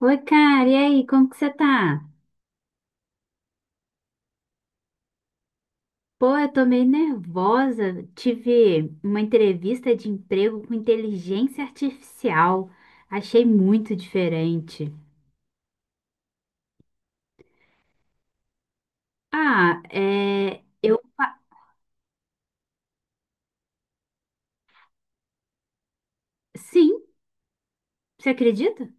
Oi, cara, e aí, como que você tá? Pô, eu tô meio nervosa. Tive uma entrevista de emprego com inteligência artificial. Achei muito diferente. Ah, é. Sim, você acredita?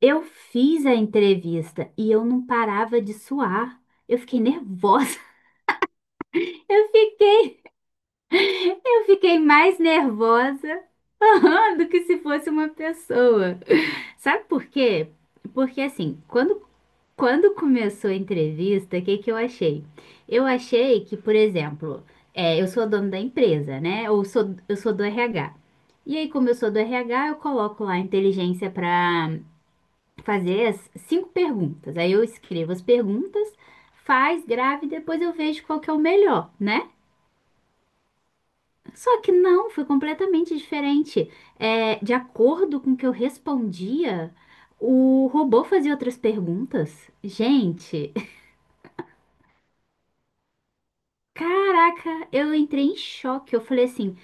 Eu fiz a entrevista e eu não parava de suar. Eu fiquei nervosa. Eu fiquei. Eu fiquei mais nervosa do que se fosse uma pessoa. Sabe por quê? Porque assim, quando começou a entrevista, o que que eu achei? Eu achei que, por exemplo, eu sou dono da empresa, né? Eu sou do RH. E aí, como eu sou do RH, eu coloco lá a inteligência para fazer as cinco perguntas. Aí eu escrevo as perguntas, faz, grave, e depois eu vejo qual que é o melhor, né? Só que não, foi completamente diferente. É, de acordo com o que eu respondia, o robô fazia outras perguntas. Gente, caraca, eu entrei em choque. Eu falei assim,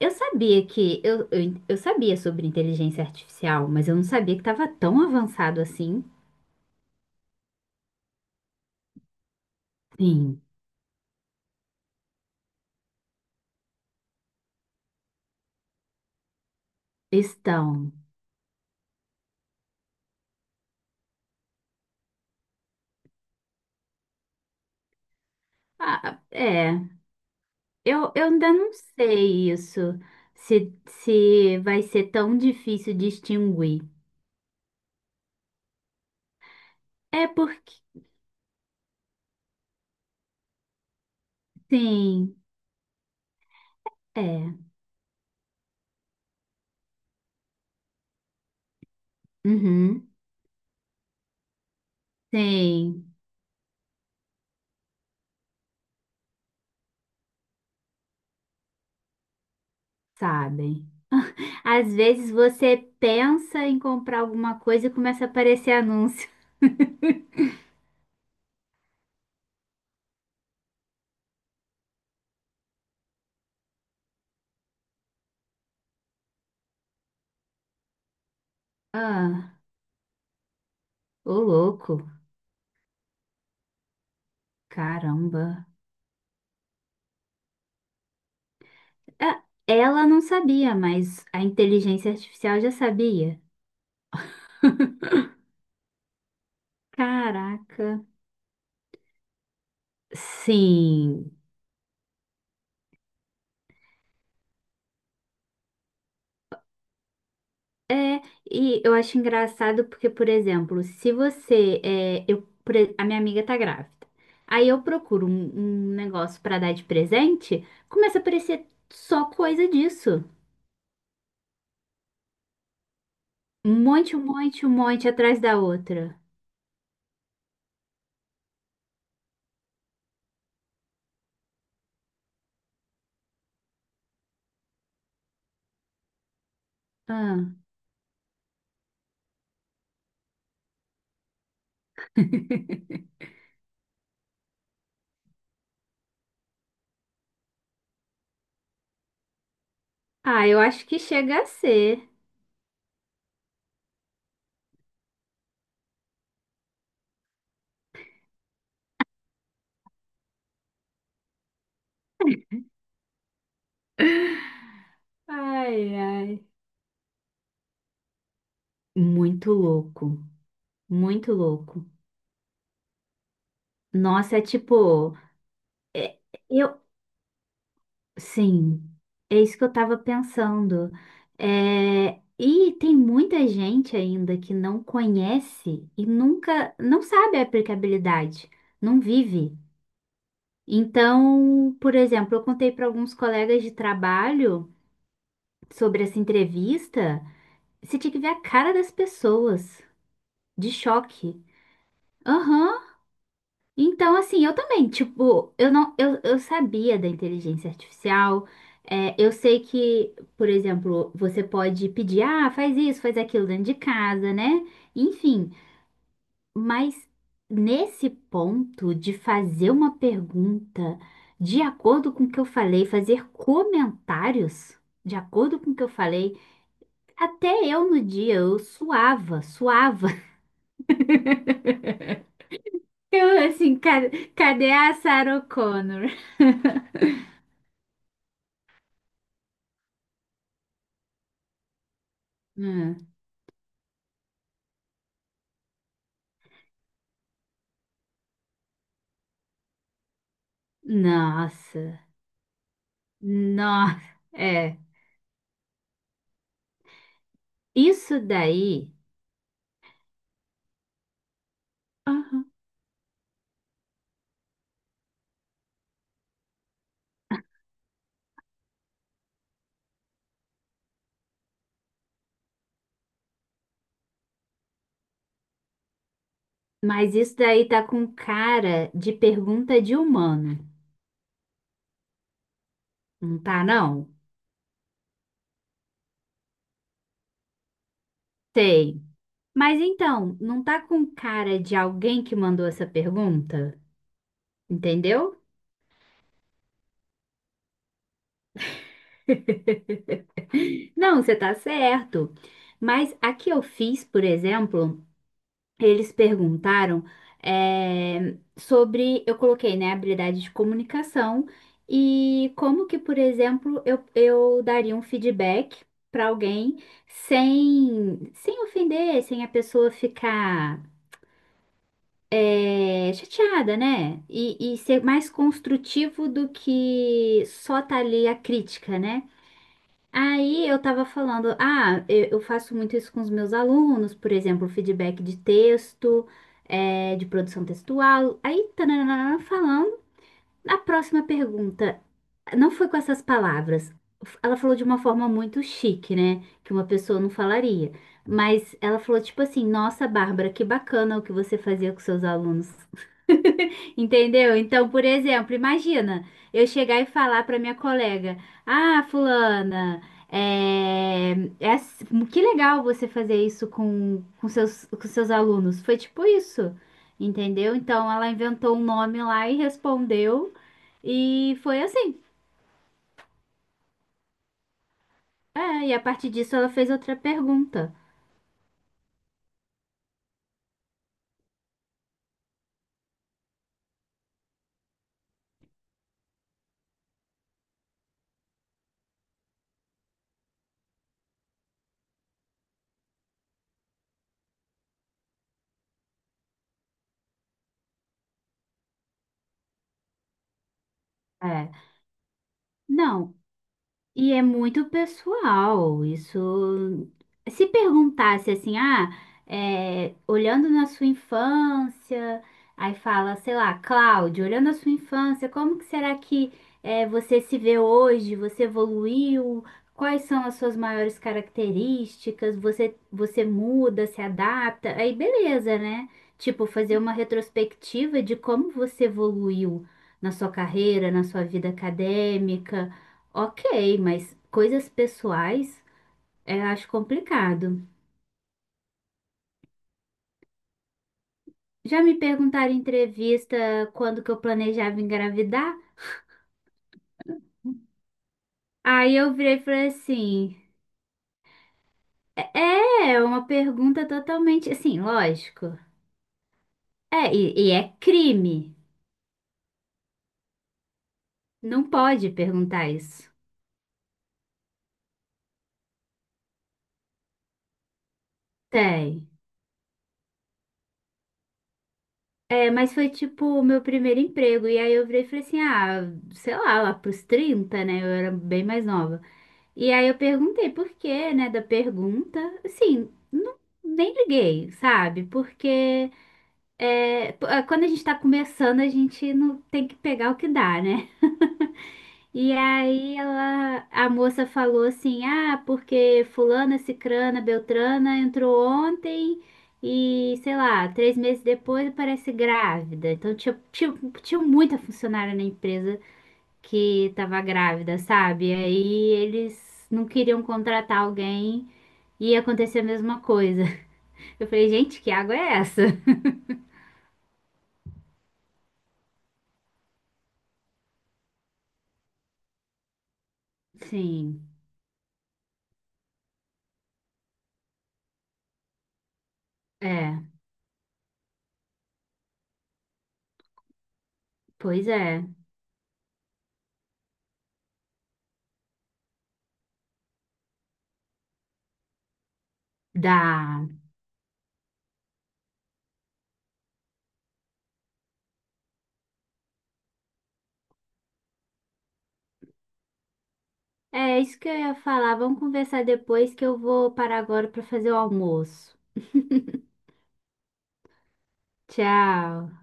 eu sabia que eu sabia sobre inteligência artificial, mas eu não sabia que estava tão avançado assim. Sim, estão. Ah, é, eu ainda não sei isso, se vai ser tão difícil distinguir. É porque, sim. É, uhum, sim, sabem. Às vezes você pensa em comprar alguma coisa e começa a aparecer anúncio. Ah, ô louco, caramba. Ah, ela não sabia, mas a inteligência artificial já sabia. Caraca. Sim, é, e eu acho engraçado porque, por exemplo, se você, é, eu, pre- a minha amiga tá grávida, aí eu procuro um negócio pra dar de presente, começa a aparecer só coisa disso. Um monte, um monte, um monte atrás da outra. Ah, ah, eu acho que chega a ser. Ai, ai, muito louco, muito louco. Nossa, é tipo, é- eu, Sim, é isso que eu estava pensando. É, e tem muita gente ainda que não conhece e nunca, não sabe a aplicabilidade, não vive. Então, por exemplo, eu contei para alguns colegas de trabalho sobre essa entrevista. Você tinha que ver a cara das pessoas, de choque. Aham. Então, assim, eu também, tipo, eu não, eu sabia da inteligência artificial. Eu sei que, por exemplo, você pode pedir, faz isso, faz aquilo dentro de casa, né? Enfim, mas nesse ponto de fazer uma pergunta de acordo com o que eu falei, fazer comentários de acordo com o que eu falei, até eu no dia eu suava, suava. Eu assim, "Cadê a Sarah Connor? Hum, nossa, nossa, é, isso daí, aham. Mas isso daí tá com cara de pergunta de humano, não tá não? Sei. Mas então, não tá com cara de alguém que mandou essa pergunta, entendeu? Não, você tá certo. Mas a que eu fiz, por exemplo, eles perguntaram sobre, eu coloquei, né, habilidade de comunicação e como que, por exemplo, eu daria um feedback para alguém sem ofender, sem a pessoa ficar chateada, né? E ser mais construtivo do que só tá ali a crítica, né? Aí eu tava falando, eu faço muito isso com os meus alunos, por exemplo, feedback de texto, de produção textual. Aí, tananana, falando, a próxima pergunta não foi com essas palavras. Ela falou de uma forma muito chique, né? Que uma pessoa não falaria. Mas ela falou tipo assim: nossa, Bárbara, que bacana o que você fazia com seus alunos. Entendeu? Então, por exemplo, imagina eu chegar e falar para minha colega: ah, fulana, é, é ass- que legal você fazer isso com seus alunos. Foi tipo isso, entendeu? Então, ela inventou um nome lá e respondeu, e foi assim. É, e a partir disso, ela fez outra pergunta. É, não, e é muito pessoal. Isso. Se perguntasse assim, olhando na sua infância, aí fala, sei lá, Cláudio, olhando a sua infância, como que será que você se vê hoje? Você evoluiu? Quais são as suas maiores características? Você muda, se adapta? Aí beleza, né? Tipo, fazer uma retrospectiva de como você evoluiu na sua carreira, na sua vida acadêmica. Ok, mas coisas pessoais eu acho complicado. Já me perguntaram em entrevista quando que eu planejava engravidar. Aí eu virei e falei assim: é, é é uma pergunta totalmente assim, lógico. É, e é crime. Não pode perguntar isso. Tem. É, mas foi tipo o meu primeiro emprego. E aí eu virei e falei assim: sei lá, lá pros 30, né? Eu era bem mais nova. E aí eu perguntei por quê, né, da pergunta. Assim, não, nem liguei, sabe? Porque quando a gente tá começando, a gente não tem que pegar o que dá, né? E aí ela, a moça falou assim, porque fulana, cicrana, beltrana entrou ontem e, sei lá, 3 meses depois parece grávida. Então tinha muita funcionária na empresa, que tava grávida, sabe? Aí eles não queriam contratar alguém e aconteceu a mesma coisa. Eu falei, gente, que água é essa? Sim, é, pois é. Dá. É isso que eu ia falar. Vamos conversar depois que eu vou parar agora para fazer o almoço. Tchau.